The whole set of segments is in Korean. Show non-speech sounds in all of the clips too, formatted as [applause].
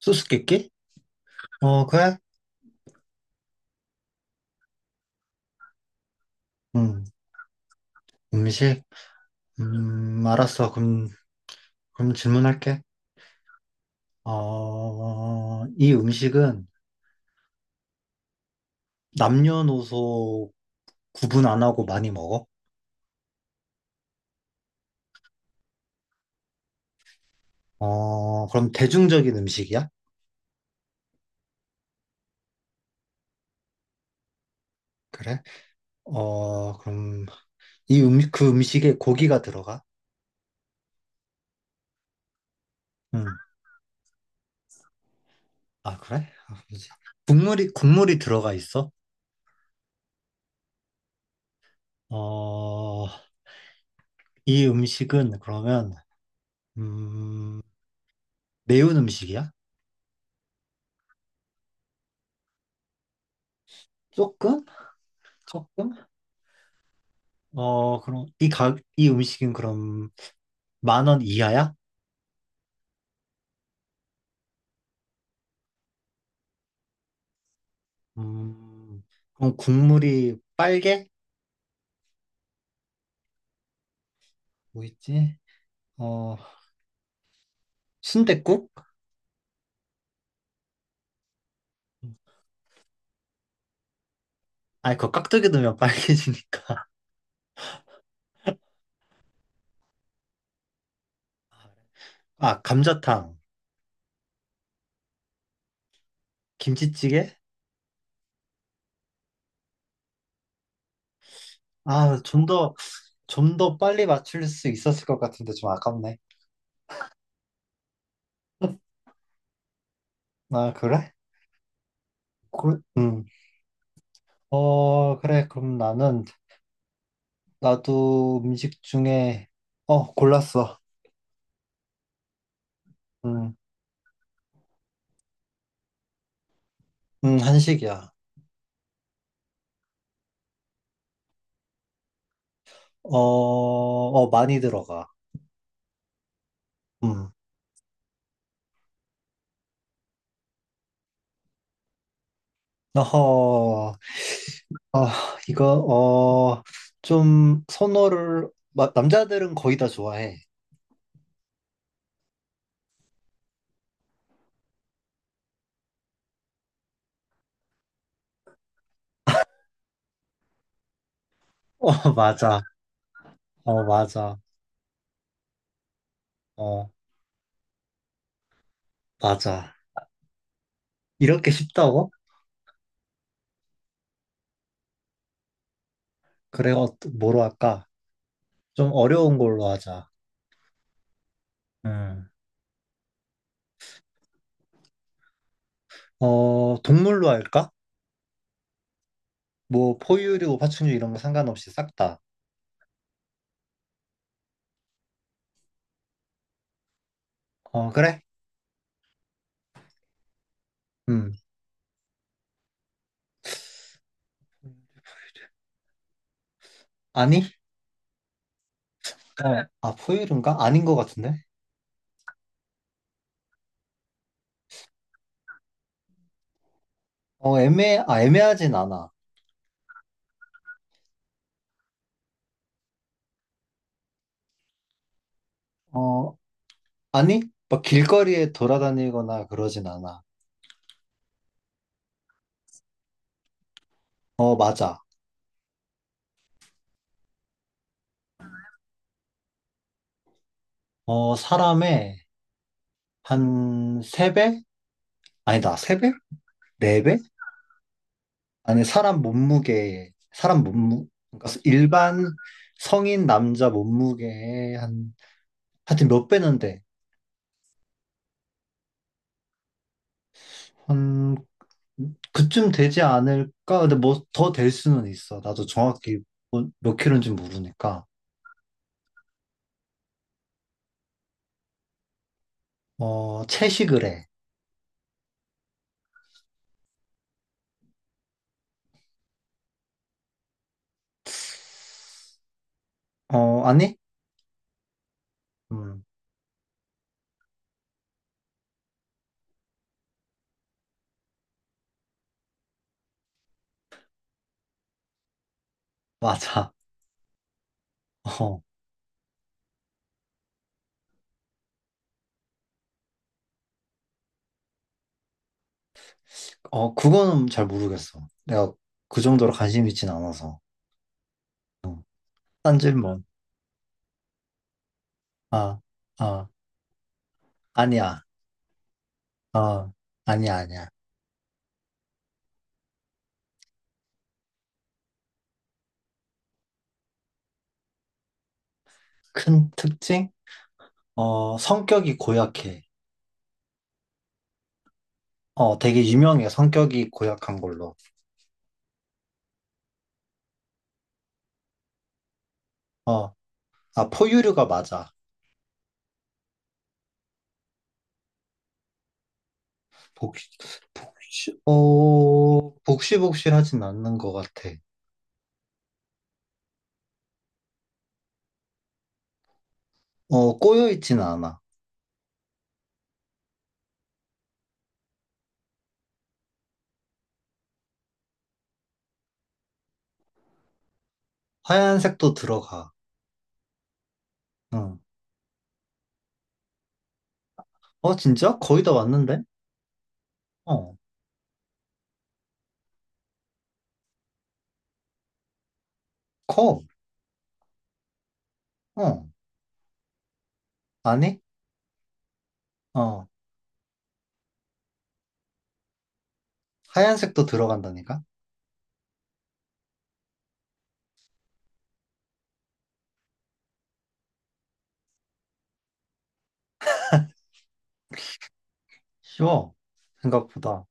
수수께끼? 어, 그래? 음, 음식? 알았어. 그럼 질문할게. 이 음식은 남녀노소 구분 안 하고 많이 먹어? 그럼 대중적인 음식이야? 그래? 그럼 이 그 음식에 고기가 들어가? 응. 아, 그래? 아, 뭐지? 국물이 들어가 있어? 어, 이 음식은 그러면, 음, 매운 음식이야? 조금? 조금? 그럼 이 음식은 그럼 10,000원 이하야? 음, 그럼 국물이 빨개? 뭐 있지? 어, 순댓국? 아니, 그거 깍두기 넣으면 빨개지니까. [laughs] 아, 감자탕, 김치찌개? 아, 좀 더 빨리 맞출 수 있었을 것 같은데 좀 아깝네. 아, 그래? 그, 음. 어, 그래. 그럼 나도 음식 중에, 골랐어. 음, 한식이야. 어, 어, 많이 들어가. 음. 어허, 아, 이거, 좀, 남자들은 거의 다 좋아해. 어, [laughs] 맞아. 어, 맞아. 어, 맞아. 이렇게 쉽다고? 그래, 뭐로 할까? 좀 어려운 걸로 하자. 음. 어, 동물로 할까? 뭐, 포유류, 파충류 이런 거 상관없이 싹 다. 어, 그래? 음. 아니? 포유류인가? 아닌 것 같은데? 애매하진 않아. 어, 아니, 막 길거리에 돌아다니거나 그러진 않아. 어, 맞아. 사람의 한 세배. 아니다, 세배네배 아니, 사람 몸무게, 사람 몸무, 그러니까 일반 성인 남자 몸무게의 한, 하여튼 몇 배는 돼. 한, 그쯤 되지 않을까? 근데 뭐 더 될 수는 있어. 나도 정확히 몇 킬로인지 모르니까. 어, 채식을 해. 어, 아니? 음, 맞아. [laughs] 어. 어, 그거는 잘 모르겠어. 내가 그 정도로 관심 있진 않아서. 딴 질문. 아, 아, 아니야. 어, 아니야, 아니야. 큰 특징? 어, 성격이 고약해. 어, 되게 유명해. 성격이 고약한 걸로. 어, 아, 포유류가 맞아. 복시, 복실복실하진 않는 것 같아. 어, 꼬여있진 않아. 하얀색도 들어가. 응. 어, 진짜? 거의 다 왔는데? 어, 커. 어, 아니? 어. 하얀색도 들어간다니까? 쉬워. 생각보다.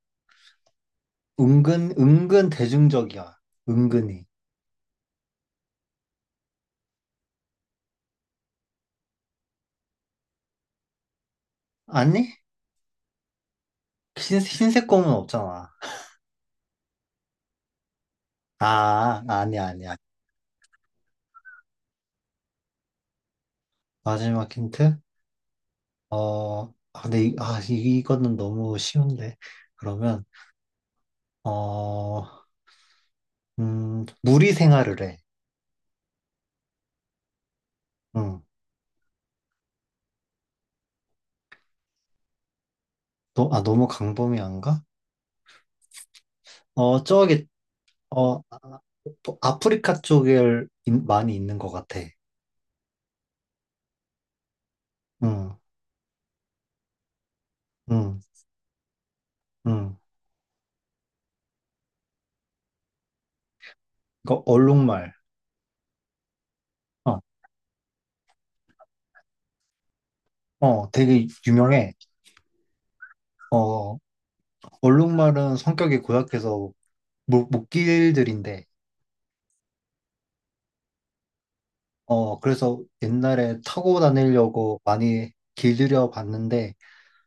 은근, 은근 대중적이야. 은근히. 아니? 흰색 검은 없잖아. 아, 아니야, 아니야. 마지막 힌트? 어, 근데, 이거는 너무 쉬운데. 그러면, 어, 무리 생활을 해. 응. 너무 강범위한가? 어, 저기, 어, 아, 아프리카 쪽에 많이 있는 것 같아. 응, 응, 응. 이거 얼룩말. 어. 어, 되게 유명해. 어, 얼룩말은 성격이 고약해서 목길들인데, 어, 그래서 옛날에 타고 다니려고 많이 길들여 봤는데,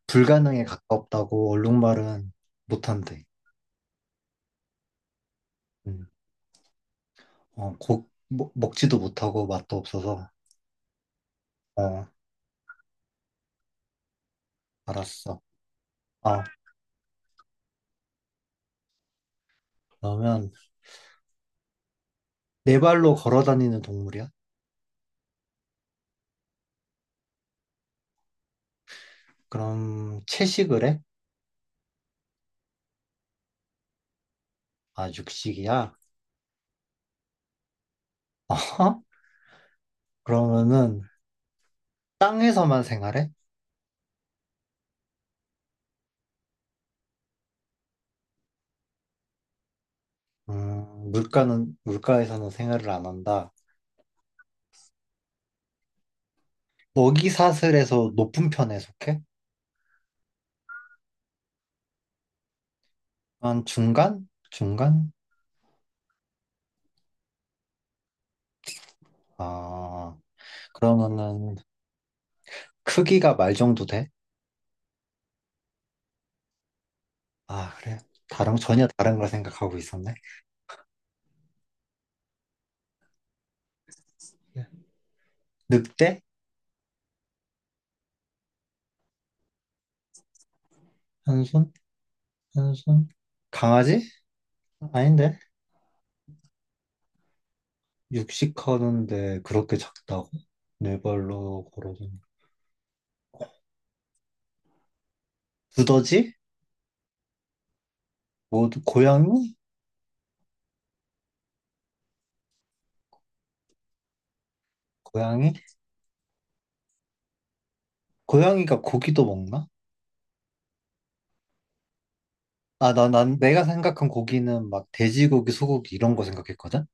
불가능에 가깝다고 얼룩말은 못한대. 음, 먹지도 못하고 맛도 없어서, 어, 알았어. 아, 그러면 네 발로 걸어 다니는 동물이야? 그럼 채식을 해? 아, 육식이야? [laughs] 어허? 그러면은 땅에서만 생활해? 물가에서는 생활을 안 한다. 먹이 사슬에서 높은 편에 속해? 한 중간? 중간? 아, 그러면은 크기가 말 정도 돼? 아, 그래. 전혀 다른 걸 생각하고 있었네. 늑대? 한 손? 한 손? 강아지? 아닌데? 육식 하는데 그렇게 작다고? 네 발로 걸어다니. 두더지? 뭐, 고양이? 고양이? 고양이가 고기도 먹나? 아, 난 내가 생각한 고기는 막 돼지고기, 소고기 이런 거 생각했거든?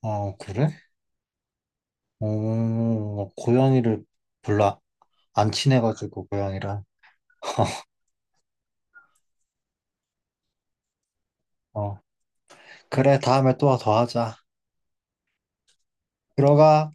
어, 그래? 어, 고양이를 별로 안 친해가지고, 고양이랑. 어, 그래, 다음에 또 더 하자. 들어가.